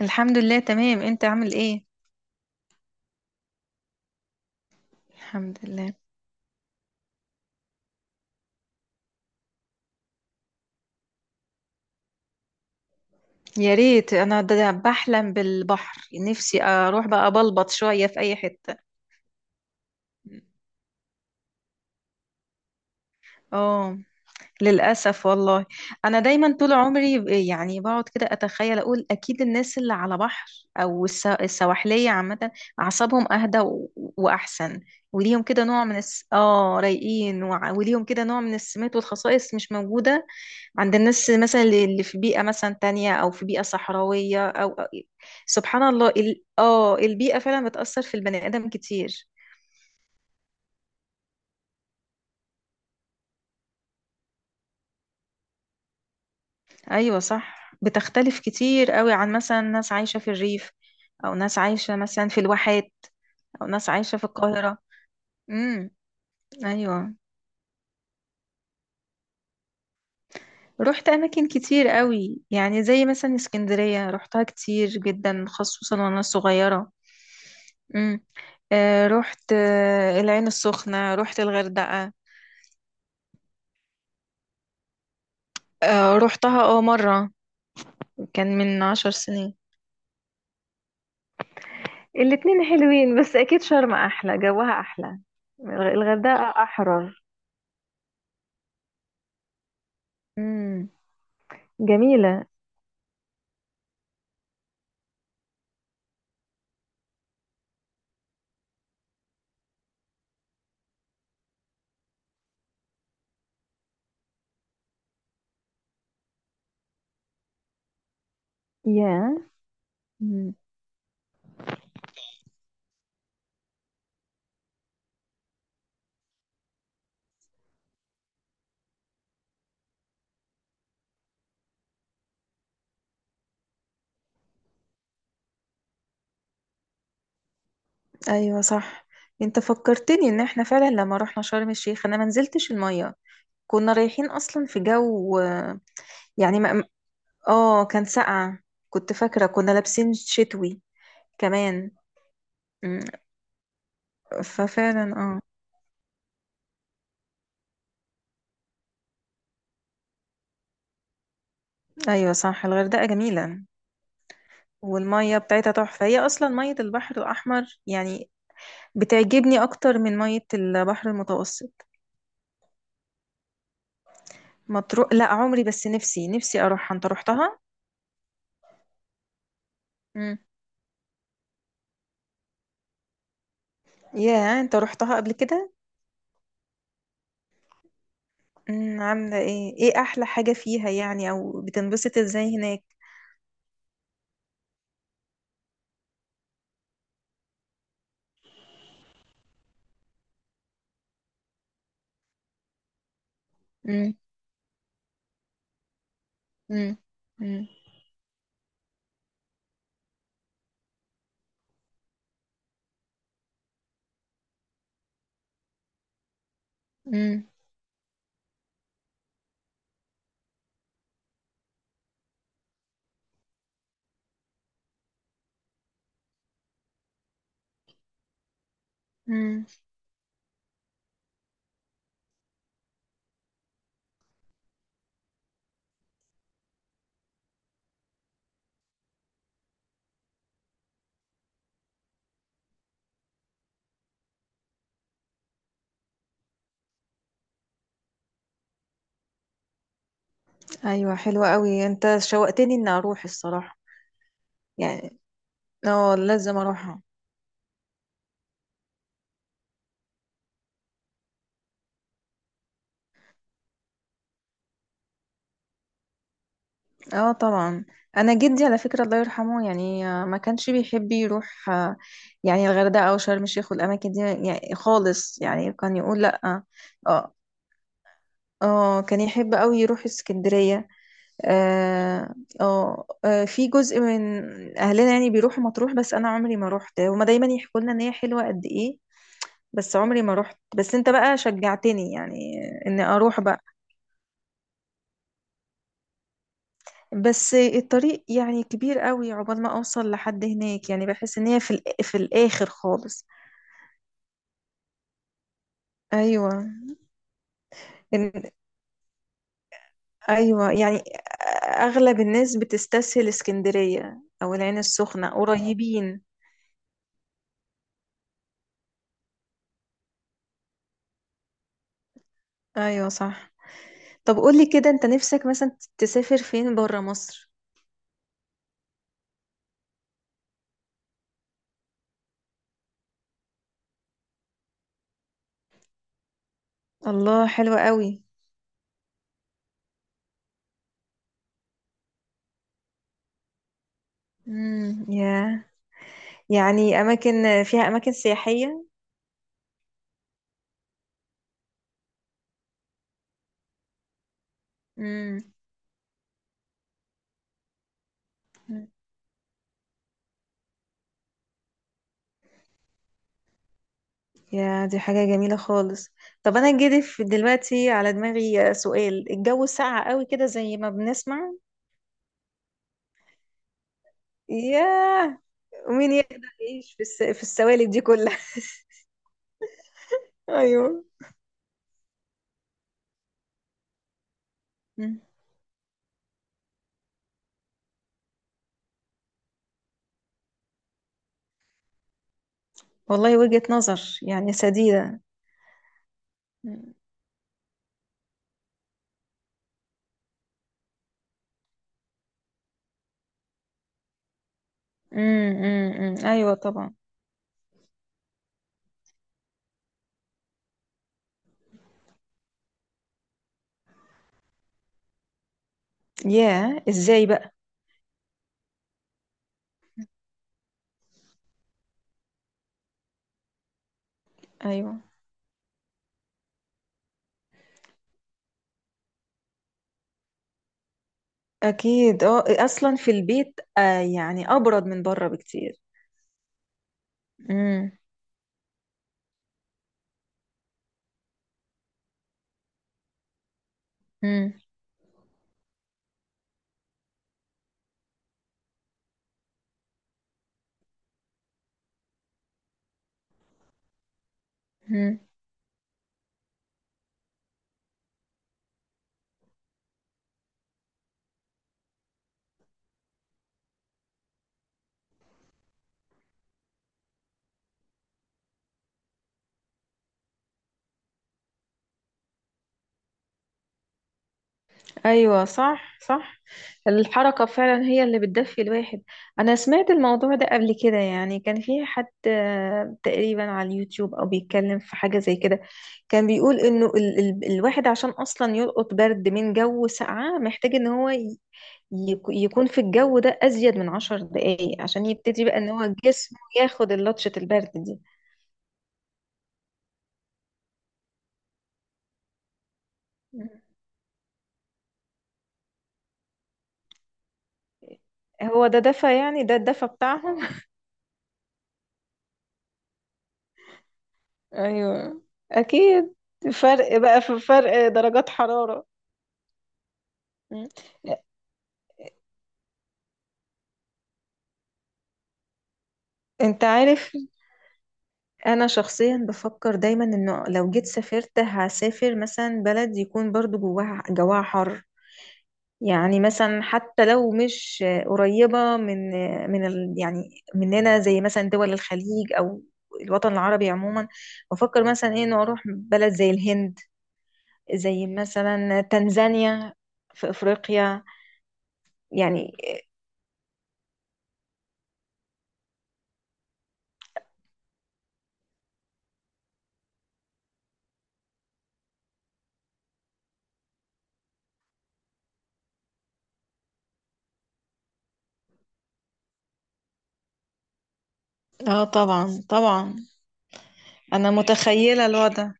الحمد لله تمام، انت عامل ايه؟ الحمد لله. يا ريت. انا ده بحلم بالبحر، نفسي اروح بقى أبلبط شوية في اي حتة. اه، للاسف والله. انا دايما طول عمري يعني بقعد كده اتخيل، اقول اكيد الناس اللي على بحر، او السواحلية عامة، اعصابهم اهدى واحسن. وليهم كده نوع من الس... اه رايقين، وليهم كده نوع من السمات والخصائص مش موجودة عند الناس مثلا، اللي في بيئة مثلا تانية، أو في بيئة صحراوية، سبحان الله، ال... آه البيئة فعلا بتأثر في البني آدم كتير. أيوة صح، بتختلف كتير قوي عن مثلا ناس عايشة في الريف، أو ناس عايشة مثلا في الواحات، أو ناس عايشة في القاهرة. امم أيوة. رحت أماكن كتير قوي يعني، زي مثلا اسكندرية رحتها كتير جدا خصوصا وأنا صغيرة. امم رحت العين السخنة، رحت الغردقة. روحتها اه مرة، كان من 10 سنين. الاتنين حلوين، بس اكيد شرم احلى، جوها احلى. الغردقة احرر. امم جميلة. يا. مم. ايوه صح، انت فكرتني ان احنا فعلا لما رحنا شرم الشيخ انا ما نزلتش الميه. كنا رايحين اصلا في جو يعني ما... اه كان ساقعه، كنت فاكره كنا لابسين شتوي كمان. مم. ففعلا اه. ايوه صح، الغردقه جميله، والمية بتاعتها تحفة. هي أصلا مية البحر الأحمر يعني، بتعجبني أكتر من مية البحر المتوسط. مطروح لا، عمري، بس نفسي نفسي أروحها. أنت روحتها؟ مم. ياه، أنت روحتها قبل كده؟ مم. عاملة إيه؟ إيه أحلى حاجة فيها يعني، أو بتنبسط إزاي هناك؟ مم. مم. مم. مم. مم. أيوة حلوة قوي، أنت شوقتني إني أروح الصراحة يعني. اه لازم أروحها. اه طبعا. انا جدي، على فكره الله يرحمه، يعني ما كانش بيحب يروح يعني الغردقه او شرم الشيخ والاماكن دي يعني خالص، يعني كان يقول لا. اه اه. كان يحب قوي يروح اسكندريه. اه اه. في جزء من اهلنا يعني بيروحوا مطروح، بس انا عمري ما روحت، هما دايما يحكوا لنا ان هي حلوه قد ايه، بس عمري ما روحت. بس انت بقى شجعتني يعني ان اروح بقى. بس الطريق يعني كبير قوي، عقبال ما اوصل لحد هناك، يعني بحس ان هي في في الاخر خالص. ايوه. إن- ايوه يعني، اغلب الناس بتستسهل اسكندرية او العين السخنة، قريبين. ايوه صح. طب قولي كده، انت نفسك مثلا تسافر فين برا مصر؟ الله، حلوة قوي. يا، يعني اماكن، فيها اماكن سياحية. امم يا دي حاجة جميلة خالص. طب أنا جدي في دلوقتي على دماغي سؤال، الجو ساقع قوي كده زي ما بنسمع؟ ياه، ومين يقدر يعيش في في السوالب دي كلها؟ أيوه. مم. والله وجهة نظر يعني سديدة. مم. مم. مم. مم. أيوه طبعا. ياه، إزاي بقى؟ أيوه. أكيد، أه أصلا في البيت آه يعني أبرد من بره بكتير. مم. مم. مم. ايوه صح صح. الحركه فعلا هي اللي بتدفي الواحد. انا سمعت الموضوع ده قبل كده يعني، كان في حد تقريبا على اليوتيوب او بيتكلم في حاجه زي كده. كان بيقول انه ال الواحد عشان اصلا يلقط برد من جو ساقعه، محتاج ان هو يكون في الجو ده ازيد من 10 دقايق، عشان يبتدي بقى ان هو جسمه ياخد اللطشه البرد دي. مم. هو ده دفى يعني، ده الدفى بتاعهم. ايوه اكيد. فرق بقى، في فرق درجات حرارة. مم. انت عارف، انا شخصيا بفكر دايما انه لو جيت سافرت، هسافر مثلا بلد يكون برضو جواها حر. يعني مثلا حتى لو مش قريبة من من ال، يعني مننا، زي مثلا دول الخليج او الوطن العربي عموما. بفكر مثلا ايه، انه اروح بلد زي الهند، زي مثلا تنزانيا، في افريقيا يعني. اه طبعا طبعا. انا متخيله الوضع.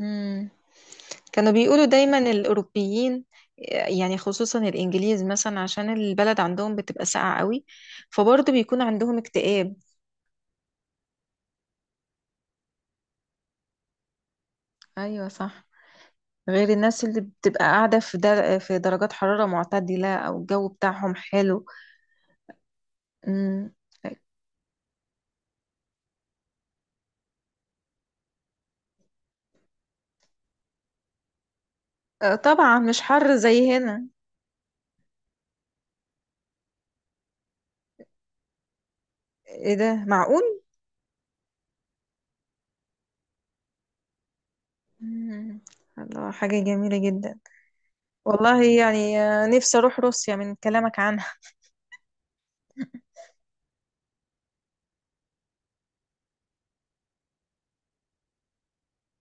امم كانوا بيقولوا دايما الاوروبيين، يعني خصوصا الانجليز مثلا، عشان البلد عندهم بتبقى ساقعه قوي، فبرضه بيكون عندهم اكتئاب. ايوه صح، غير الناس اللي بتبقى قاعده في في درجات حراره معتدله، او الجو بتاعهم حلو. امم طبعا مش حر زي هنا. ايه ده، معقول؟ مم. الله، حاجه جميله جدا. والله يعني نفسي اروح روسيا من كلامك عنها.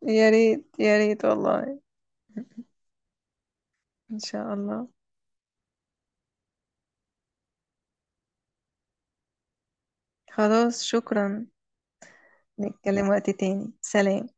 يا ريت يا ريت والله. إن شاء الله. خلاص شكرا. نتكلم وقت تاني، سلام.